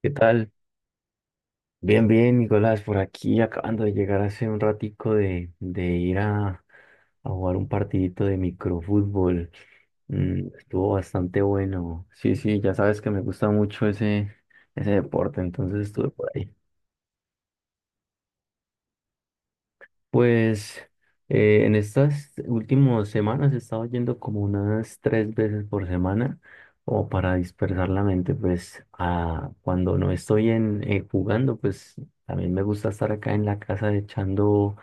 ¿Qué tal? Bien, bien, Nicolás, por aquí acabando de llegar hace un ratico de ir a jugar un partidito de microfútbol. Estuvo bastante bueno. Sí, sí, ya sabes que me gusta mucho ese deporte, entonces estuve por ahí. Pues en estas últimas semanas he estado yendo como unas tres veces por semana, o para dispersar la mente, pues cuando no estoy jugando, pues también me gusta estar acá en la casa echando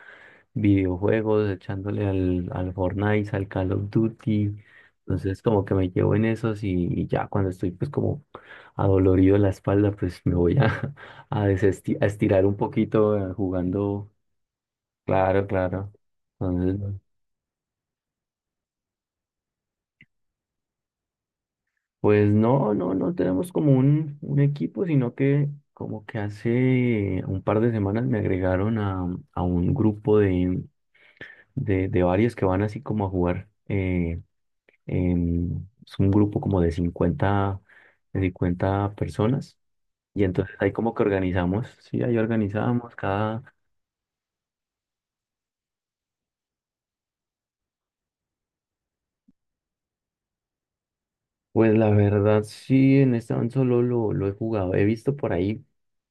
videojuegos, echándole al Fortnite, al Call of Duty. Entonces como que me llevo en esos y ya cuando estoy pues como adolorido de la espalda, pues me voy a estirar un poquito jugando. Claro, claro. Entonces, pues no, no, no tenemos como un equipo, sino que como que hace un par de semanas me agregaron a un grupo de varios que van así como a jugar. Es un grupo como de 50 de 50 personas. Y entonces ahí como que organizamos, sí, ahí organizamos cada. Pues la verdad, sí, en este momento solo lo he jugado. He visto por ahí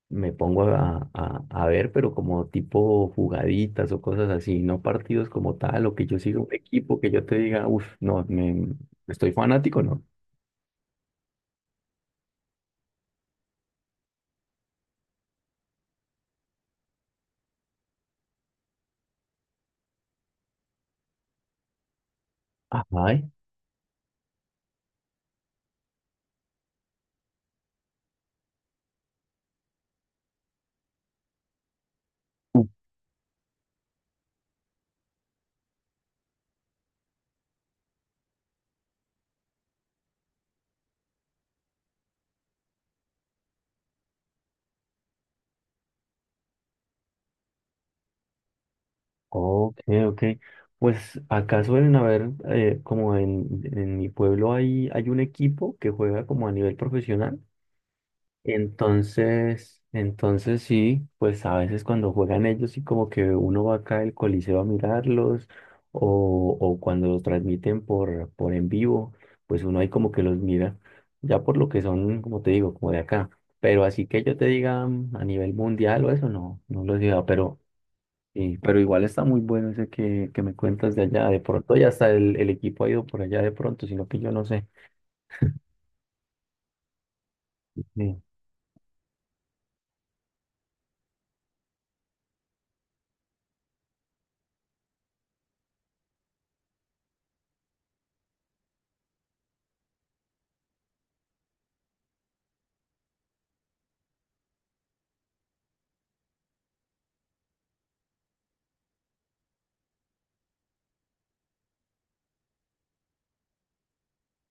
me pongo a ver, pero como tipo jugaditas o cosas así, no partidos como tal, o que yo siga un equipo que yo te diga, uff, no, estoy fanático, no. Ajá. Ok, ok. Pues acá suelen haber, como en mi pueblo hay un equipo que juega como a nivel profesional. Entonces sí, pues a veces cuando juegan ellos sí como que uno va acá al coliseo a mirarlos o cuando los transmiten por en vivo, pues uno ahí como que los mira, ya por lo que son, como te digo, como de acá. Pero así que yo te diga a nivel mundial o eso, no, no lo digo, pero sí, pero igual está muy bueno ese que me cuentas de allá, de pronto ya hasta el equipo ha ido por allá de pronto, sino que yo no sé.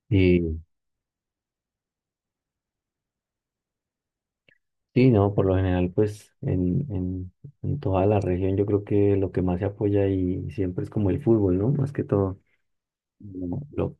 Sí. Sí, no, por lo general, pues en toda la región yo creo que lo que más se apoya y siempre es como el fútbol, ¿no? Más que todo. Lo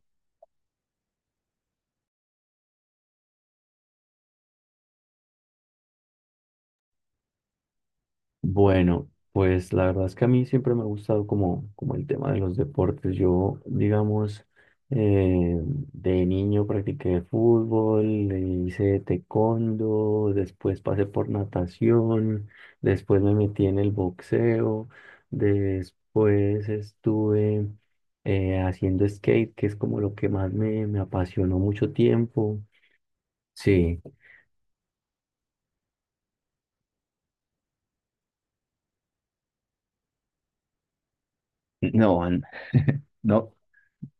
Bueno, pues la verdad es que a mí siempre me ha gustado como el tema de los deportes. Yo, digamos, de niño practiqué fútbol, le hice taekwondo, después pasé por natación, después me metí en el boxeo, después estuve haciendo skate, que es como lo que más me apasionó mucho tiempo. Sí. No, no.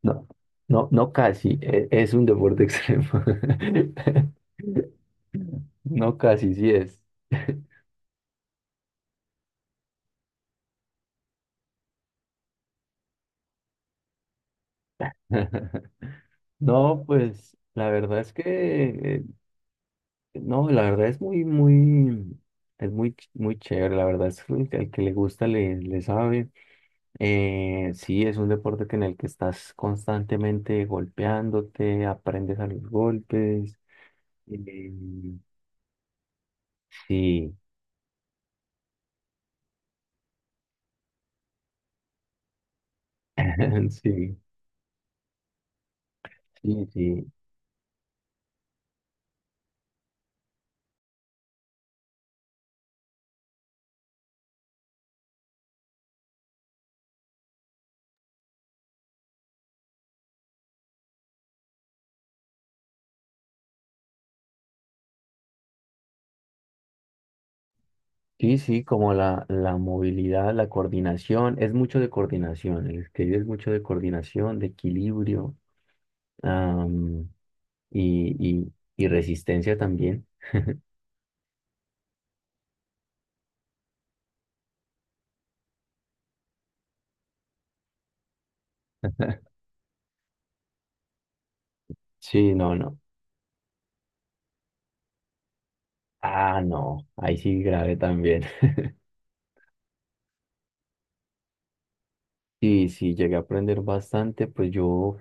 No, no, no casi, es un deporte extremo. No casi, sí es. No, pues la verdad es que, eh, no, la verdad es muy chévere, la verdad es que el que le gusta le sabe. Sí, es un deporte que en el que estás constantemente golpeándote, aprendes a los golpes. eh, sí, sí, sí, sí. Sí, sí, como la movilidad, la coordinación, es mucho de coordinación, el escribir es mucho de coordinación, de equilibrio am, y, y resistencia también. Sí, no, no. Ah, no, ahí sí grave también. Sí, sí, llegué a aprender bastante, pues yo,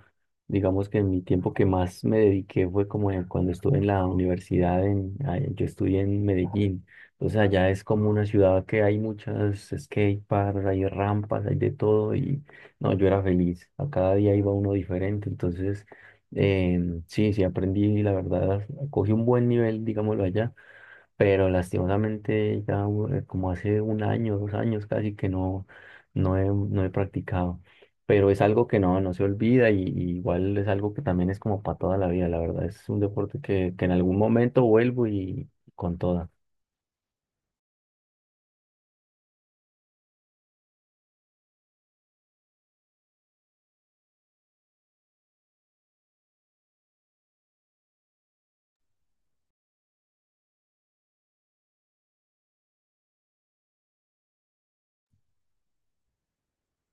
digamos que en mi tiempo que más me dediqué fue como cuando estuve en la universidad, yo estudié en Medellín, entonces allá es como una ciudad que hay muchas skate parks, hay rampas, hay de todo y no, yo era feliz, a cada día iba uno diferente, entonces sí, sí aprendí, la verdad, cogí un buen nivel, digámoslo allá, pero lastimosamente ya como hace un año, 2 años casi que no, no he practicado. Pero es algo que no se olvida y igual es algo que también es como para toda la vida, la verdad. Es un deporte que en algún momento vuelvo y con toda.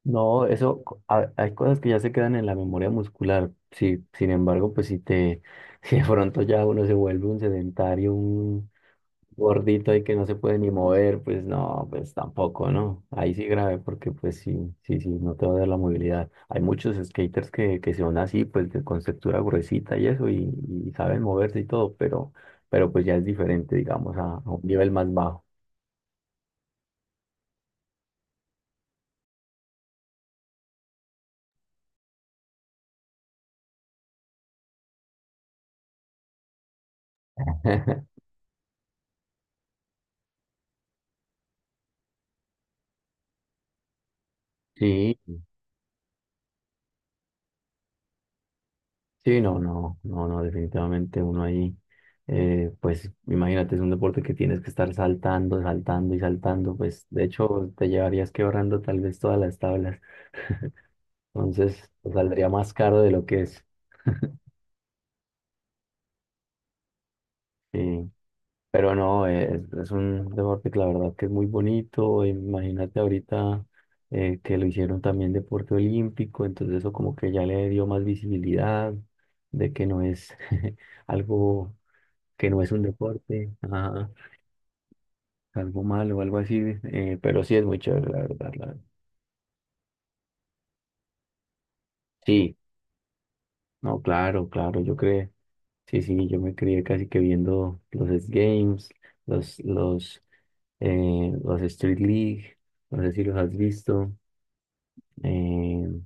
No, eso, hay cosas que ya se quedan en la memoria muscular. Sí, sin embargo, pues si de pronto ya uno se vuelve un sedentario, gordito y que no se puede ni mover, pues no, pues tampoco, ¿no? Ahí sí grave, porque pues sí, sí, sí, no te va a dar la movilidad. Hay muchos skaters que son así, pues de conceptura gruesita y eso, y saben moverse y todo, pero pues ya es diferente, digamos, a un nivel más bajo. Sí, sí, no, no, no, no, definitivamente uno ahí, pues imagínate, es un deporte que tienes que estar saltando, saltando y saltando, pues de hecho te llevarías quebrando tal vez todas las tablas. Entonces, pues, saldría más caro de lo que es. Sí. Pero no, es un deporte que la verdad que es muy bonito. Imagínate ahorita que lo hicieron también deporte olímpico, entonces eso como que ya le dio más visibilidad de que no es algo, que no es un deporte, ajá, algo malo o algo así. Pero sí es muy chévere, la verdad. La verdad. Sí. No, claro, claro, yo creo. Sí, sí, yo me crié casi que viendo los X Games, los, los, los Street League, no sé si los has visto. eh,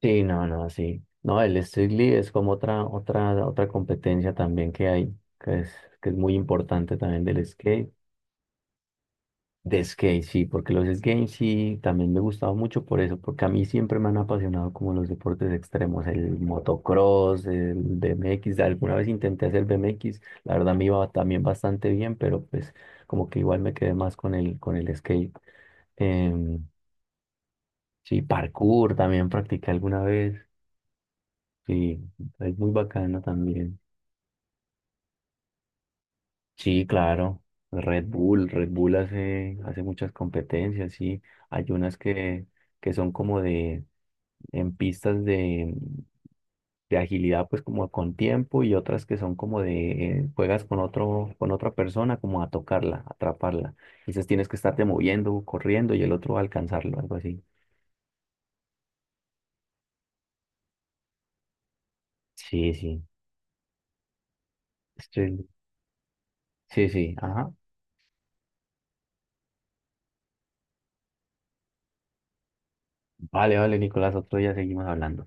sí, no, no, sí. No, el Street League es como otra competencia también que hay, que es muy importante también del skate. De skate, sí, porque los skates sí también me gustaba mucho por eso, porque a mí siempre me han apasionado como los deportes extremos, el motocross, el BMX, alguna vez intenté hacer BMX, la verdad me iba también bastante bien, pero pues como que igual me quedé más con con el skate. Em, sí, parkour también practiqué alguna vez, sí, es muy bacano también. Sí, claro, Red Bull hace muchas competencias, sí, hay unas que son como de en pistas de agilidad, pues como con tiempo y otras que son como de juegas con otro, con otra persona como a tocarla, atraparla. Entonces tienes que estarte moviendo, corriendo y el otro va a alcanzarlo, algo así. Sí, sí. Estoy- Sí, sí. Ajá. Vale, vale, Nicolás, otro día seguimos hablando.